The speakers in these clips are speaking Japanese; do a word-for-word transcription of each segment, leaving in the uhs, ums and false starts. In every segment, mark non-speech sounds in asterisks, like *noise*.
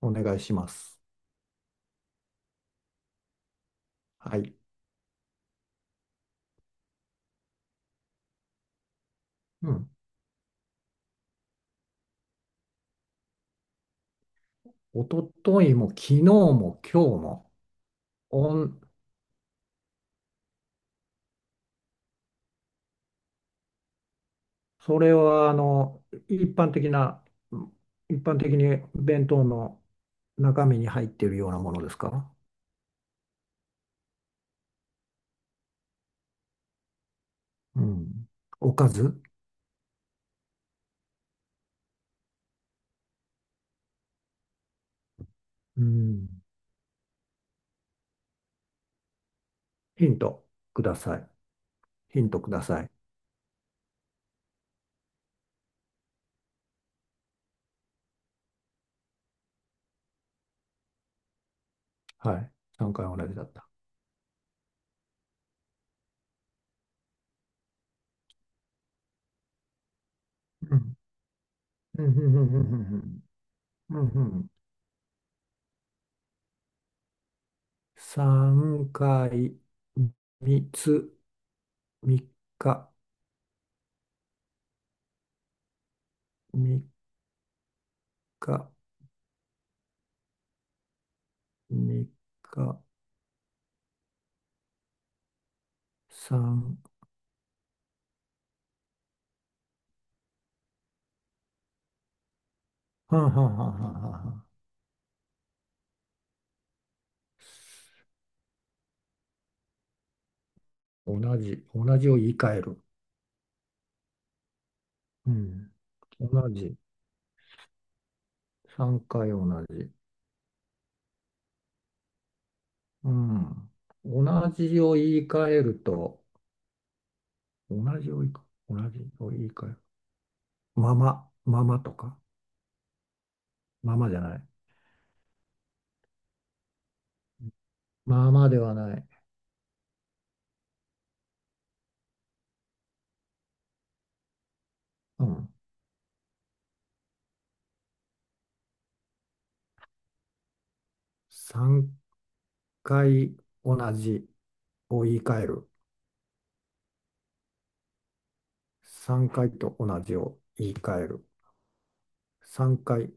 お願いします。はい。うん。おとといも昨日も今日も、オンそれはあの一般的な、一般的に弁当の中身に入っているようなものですか？うん。おかず。うん。ヒントください。ヒントください。はい。さんかい同じだった。うん。うん。うん。うん。うん。うん。うん。さんかい、みっつ、みっか、みっか。にかさん。はんはんはんはんはんはん。同じ、同じを言い換える。うん。同じ。さんかい同じ。うん。同じを言い換えると、同じを言いか、同じを言い換える。まま、ままとか。ままじゃない。ままではない。うん。さんかい同じを言い換える。さんかいと同じを言い換える。さんかい。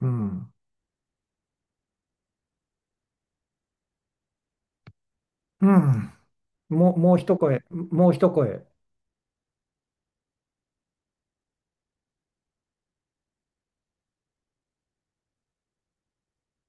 うん。うん。もう、もう一声、もう一声。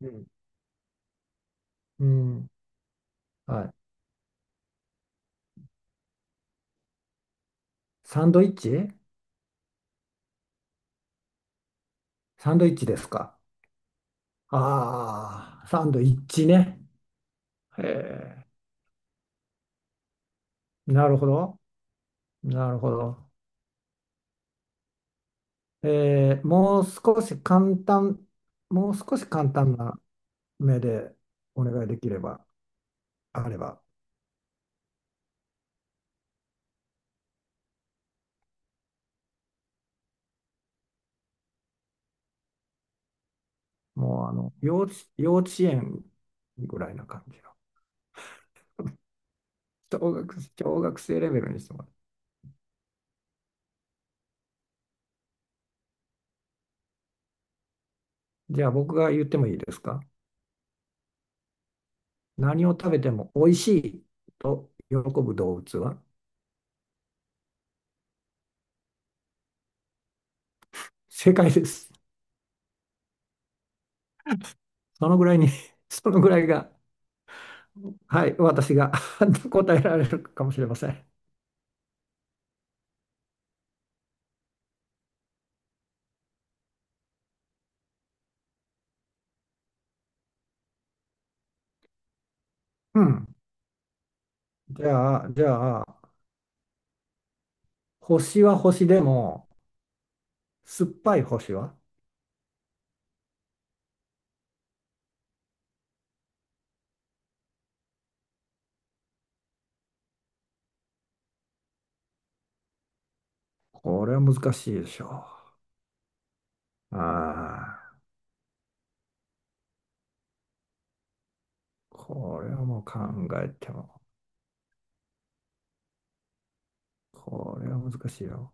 うん。うん。はい。サンドイッチ。サンドイッチですか？ああ、サンドイッチね。へえ、なるほど。なるほど。えー、もう少し簡単、もう少し簡単な目でお願いできれば、あれば、もうあの、幼稚、幼稚園ぐらいな感じの。小学、小学生レベルにしてもらう。じゃあ僕が言ってもいいですか？何を食べても美味しいと喜ぶ動物は？正解です。そのぐらいに *laughs* そのぐらいが、はい、私が *laughs* 答えられるかもしれません。うん。じゃあ、じゃあ、星は星でも、酸っぱい星は？これは難しいでしょう。ああ、これはもう考えても、これは難しいよ。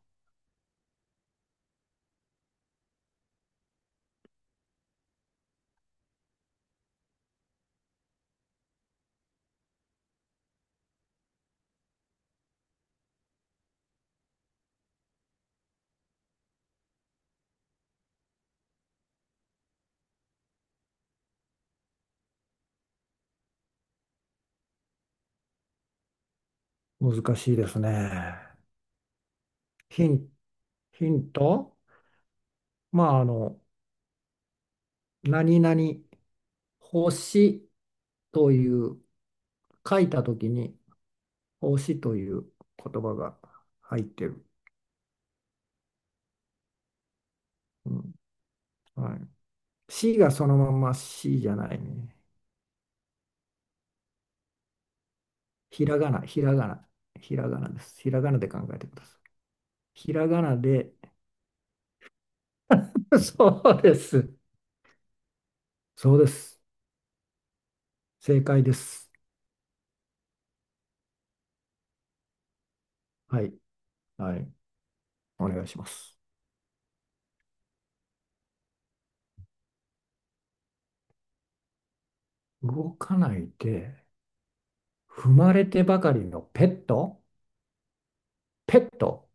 難しいですね。ヒン、ヒント。まあ、あの、何々星という書いた時に星という言葉が入ってる。うん、はい。しがそのまましじゃないね。ひらがな、ひらがな、ひらがなです。ひらがなで考えてください。ひらがなで、*laughs* そうです。そうです。正解です。はい。はい。お願いします。動かないで、踏まれてばかりのペット。ペット。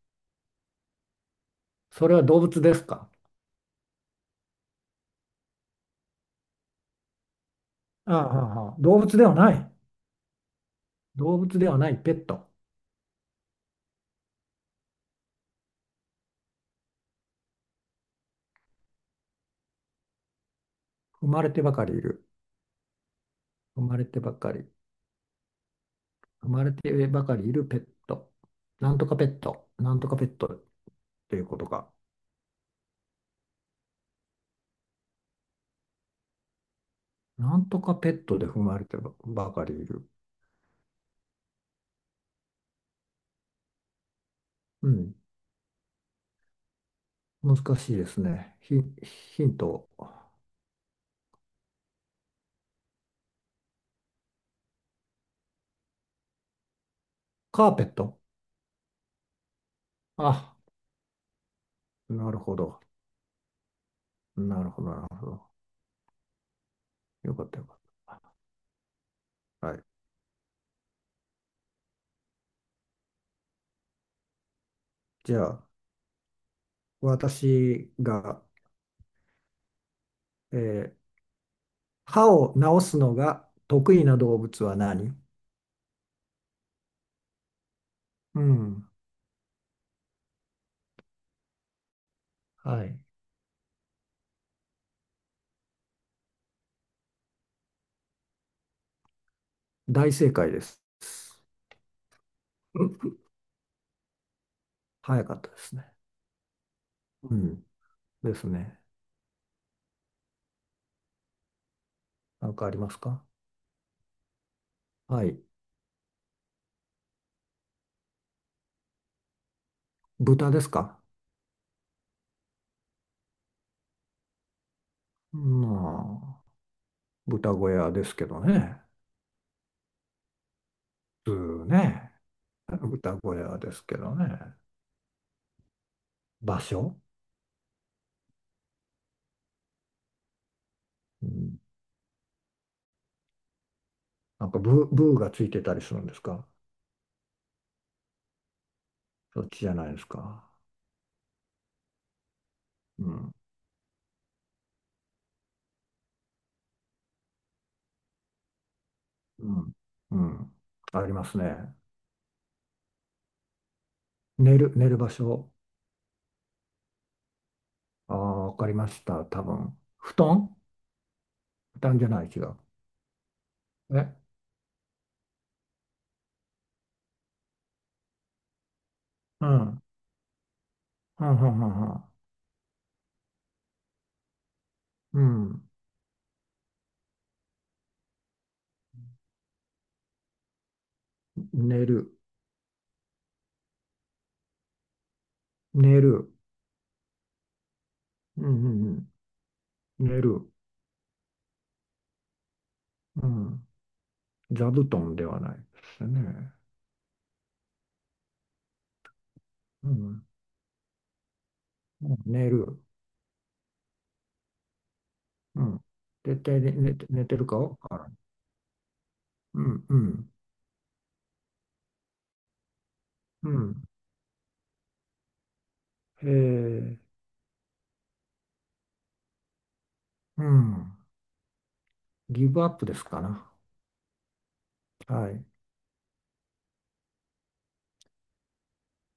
それは動物ですか？ああ、ああああ動物ではない。動物ではないペット。生まれてばかりいる。生まれてばかり。生まれてばかりいるペット。なんとかペット。なんとかペットっていうことか。なんとかペットで生まれてばかりいる。うん。難しいですね。ヒ、ヒント。カーペット。あ、なるほど。なるほど、なるほど。よかった、よかった。はい。じゃあ、私が、えー歯を治すのが得意な動物は何？うん。はい。大正解です。うん。早かったですね。うん。ですね。なんかありますか？はい。豚ですか？まあ、豚小屋ですけどね。普通ね。豚小屋ですけどね。場所。うん。なんかブー、ブーがついてたりするんですか？そっちじゃないですか。うん。うん。うん。ありますね。寝る、寝る場所。ああ、わかりました。多分、布団。布団じゃない、違う。えうん。はんはんはんはん。うん。寝る。寝る。うん、うん、うん。寝る。うん。座布団ではないですね。うん。寝る。うん。絶対に寝て、寝てるかわからん。うん、うん、うん。えー、うん。ギブアップですかな。はい。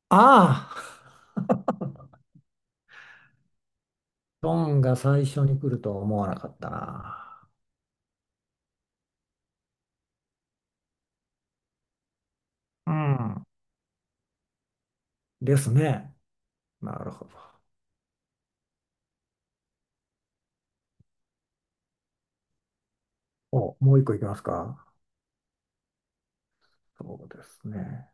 ああ、ドンが最初に来るとは思わなかったな。うん。ですね。なるほど。お、もういっこいきますか？そうですね。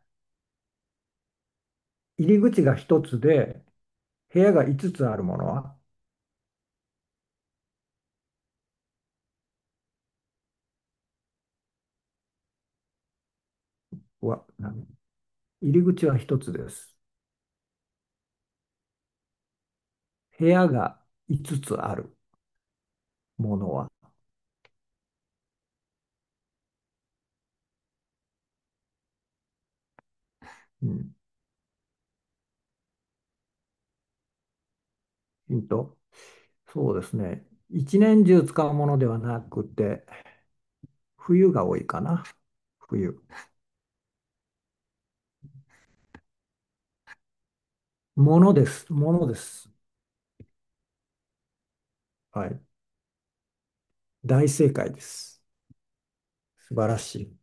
入り口が一つで、部屋が五つあるものは？わ、何入り口は一つです。部屋が五つあるものは。うん、ヒント、そうですね。一年中使うものではなくて、冬が多いかな。冬。ものです。ものです。はい。大正解です。素晴らしい。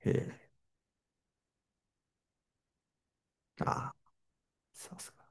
えー、あさすが。